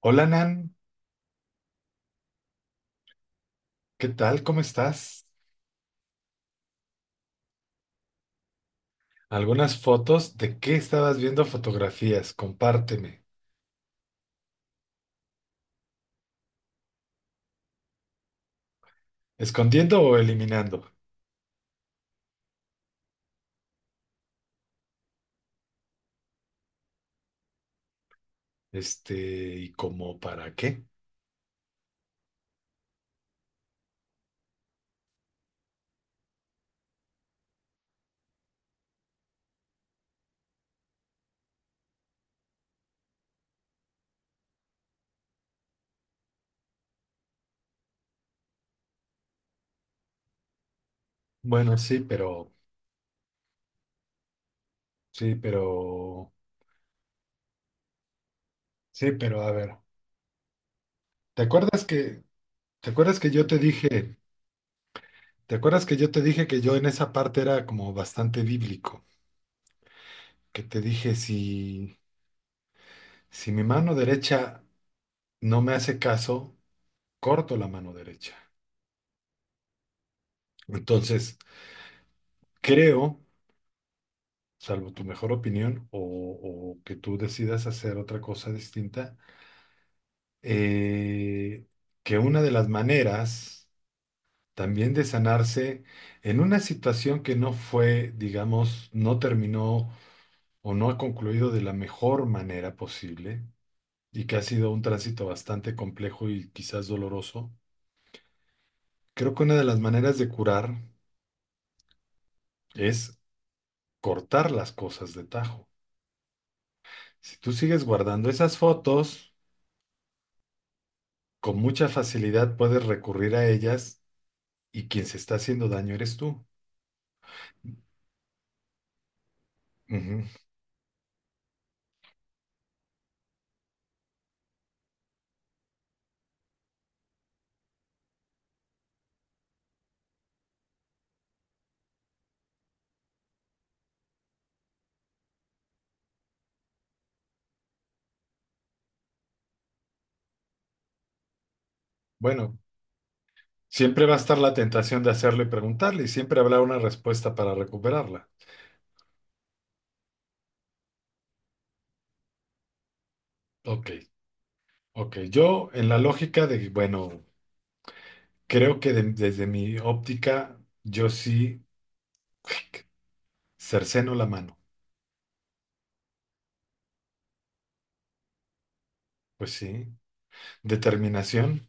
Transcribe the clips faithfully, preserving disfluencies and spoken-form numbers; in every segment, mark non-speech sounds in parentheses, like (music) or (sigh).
Hola Nan, ¿qué tal? ¿Cómo estás? Algunas fotos de qué estabas viendo fotografías, compárteme. ¿Escondiendo o eliminando? Este, ¿y cómo para qué? Bueno, sí, pero, sí, pero, sí, pero a ver. ¿Te acuerdas que, te acuerdas que yo te dije, ¿Te acuerdas que yo te dije que yo en esa parte era como bastante bíblico? Que te dije, si, si mi mano derecha no me hace caso, corto la mano derecha. Entonces, creo, salvo tu mejor opinión o, o que tú decidas hacer otra cosa distinta, eh, que una de las maneras también de sanarse en una situación que no fue, digamos, no terminó o no ha concluido de la mejor manera posible y que ha sido un tránsito bastante complejo y quizás doloroso, creo que una de las maneras de curar es cortar las cosas de tajo. Si tú sigues guardando esas fotos, con mucha facilidad puedes recurrir a ellas y quien se está haciendo daño eres tú. Ujú. Bueno, siempre va a estar la tentación de hacerlo y preguntarle, y siempre habrá una respuesta para recuperarla. Ok, ok. Yo, en la lógica de, bueno, creo que, de- desde mi óptica, yo sí (laughs) cerceno la mano. Pues sí. Determinación.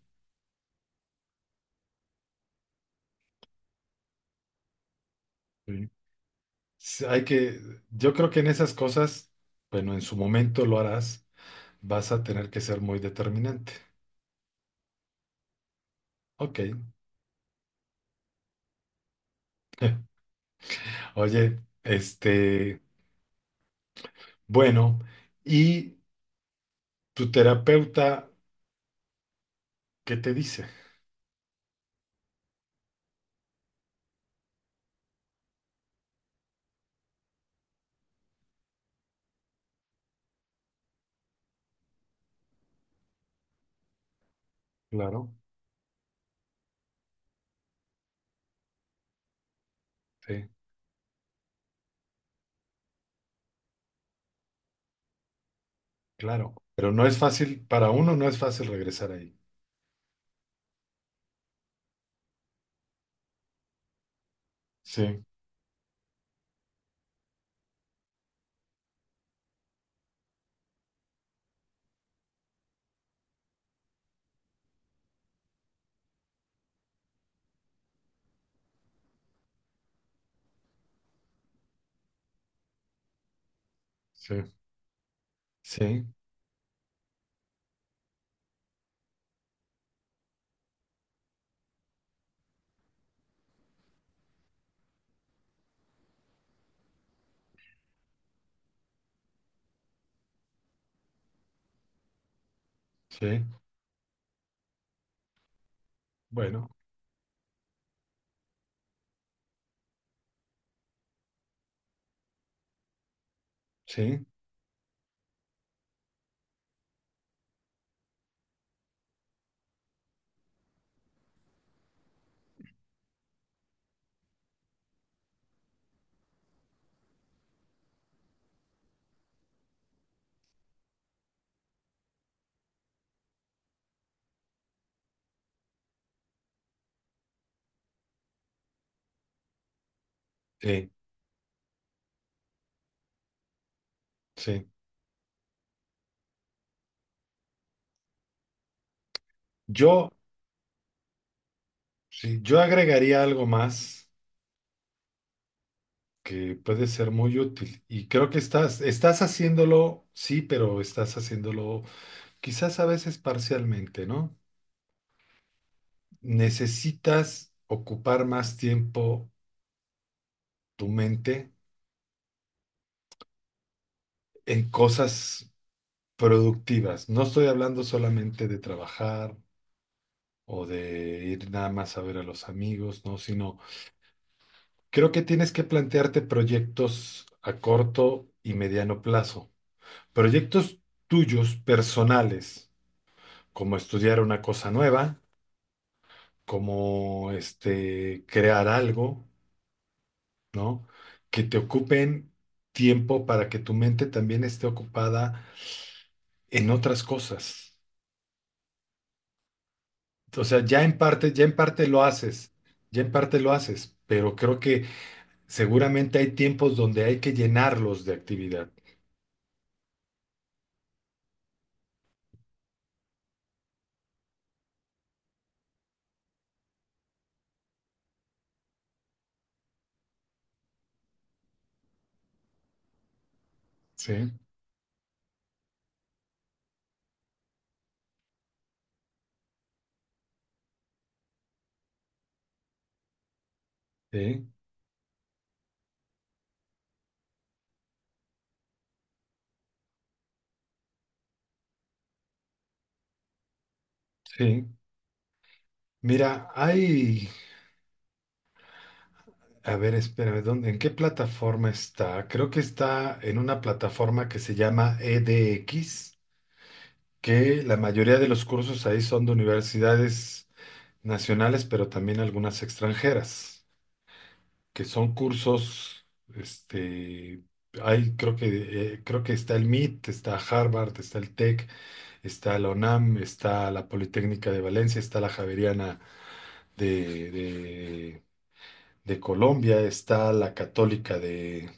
Sí. S- Hay que, yo creo que en esas cosas, bueno, en su momento lo harás, vas a tener que ser muy determinante. Ok. (laughs) Oye, este, bueno, ¿y tu terapeuta qué te dice? Claro, sí, claro. Pero no es fácil, para uno no es fácil regresar ahí. Sí, sí, sí, sí. Bueno, sí, sí, sí. Yo, sí, yo agregaría algo más que puede ser muy útil. Y creo que estás, estás haciéndolo, sí, pero estás haciéndolo quizás a veces parcialmente, ¿no? Necesitas ocupar más tiempo tu mente en cosas productivas. No estoy hablando solamente de trabajar o de ir nada más a ver a los amigos, no, sino creo que tienes que plantearte proyectos a corto y mediano plazo. Proyectos tuyos personales, como estudiar una cosa nueva, como este, crear algo, ¿no? Que te ocupen tiempo para que tu mente también esté ocupada en otras cosas. O sea, ya en parte, ya en parte lo haces, ya en parte lo haces, pero creo que seguramente hay tiempos donde hay que llenarlos de actividad. Sí, sí, sí. Mira, hay, a ver, espérame, ¿dónde, en qué plataforma está? Creo que está en una plataforma que se llama E D X, que la mayoría de los cursos ahí son de universidades nacionales, pero también algunas extranjeras, que son cursos, este, hay, creo que, eh, creo que está el M I T, está Harvard, está el TEC, está la UNAM, está la Politécnica de Valencia, está la Javeriana de, de, de Colombia, está la Católica de,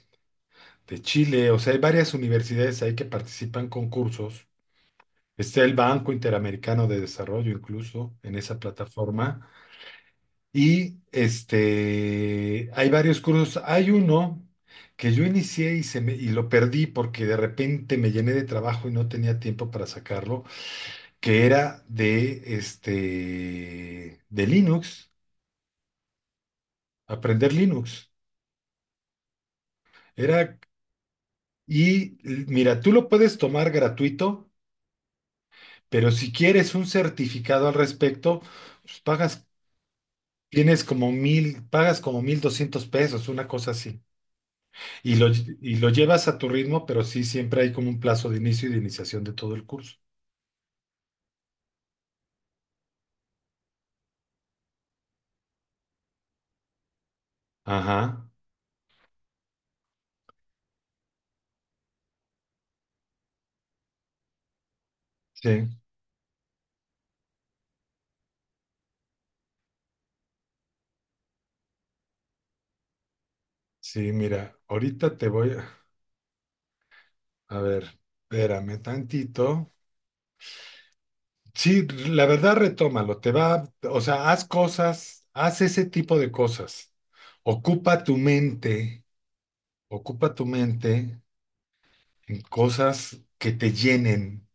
de Chile, o sea, hay varias universidades ahí que participan con cursos. Está el Banco Interamericano de Desarrollo incluso en esa plataforma. Y este, hay varios cursos. Hay uno que yo inicié y, se me, y lo perdí porque de repente me llené de trabajo y no tenía tiempo para sacarlo, que era de, este, de Linux, aprender Linux. Era, y l- mira, tú lo puedes tomar gratuito, pero si quieres un certificado al respecto, pues pagas, tienes como mil, pagas como mil doscientos pesos, una cosa así. Y lo, y lo llevas a tu ritmo, pero sí, siempre hay como un plazo de inicio y de iniciación de todo el curso. Ajá, sí, sí, mira, ahorita te voy a... A ver, espérame tantito. Sí, la verdad, retómalo, te va, o sea, haz cosas, haz ese tipo de cosas. Ocupa tu mente, ocupa tu mente en cosas que te llenen,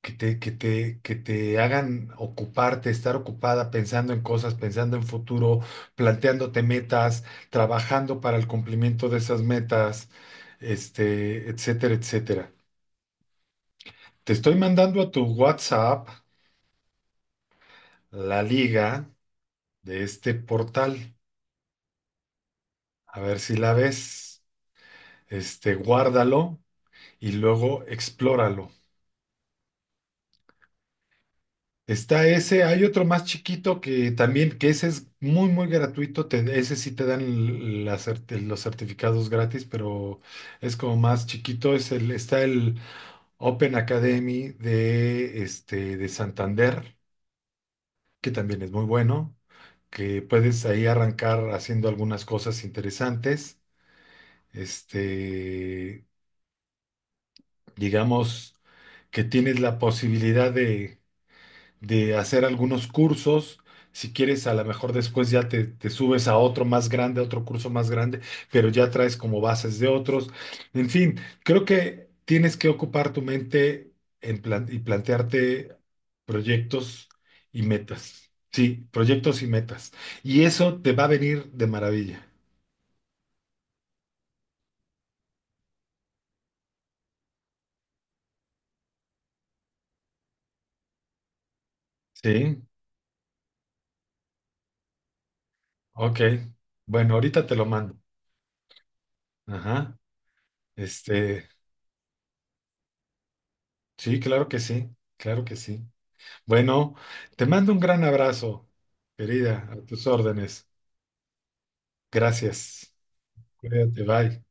que te, que te, que te hagan ocuparte, estar ocupada pensando en cosas, pensando en futuro, planteándote metas, trabajando para el cumplimiento de esas metas, este, etcétera, etcétera. Te estoy mandando a tu WhatsApp la liga de este portal. A ver si la ves. Este, guárdalo y luego explóralo. Está ese, hay otro más chiquito que también, que ese es muy, muy gratuito, te- ese sí te dan l- la cert- los certificados gratis, pero es como más chiquito, es el, está el Open Academy de, este, de Santander, que también es muy bueno, que puedes ahí arrancar haciendo algunas cosas interesantes, este, digamos que tienes la posibilidad de hacer algunos cursos. Si quieres, a lo mejor después ya te, te subes a otro más grande, a otro curso más grande, pero ya traes como bases de otros. En fin, creo que tienes que ocupar tu mente en plan- y plantearte proyectos y metas. Sí, proyectos y metas. Y eso te va a venir de maravilla. Sí, ok. Bueno, ahorita te lo mando. Ajá. Este, sí, claro que sí, claro que sí. Bueno, te mando un gran abrazo, querida, a tus órdenes. Gracias. Cuídate, bye.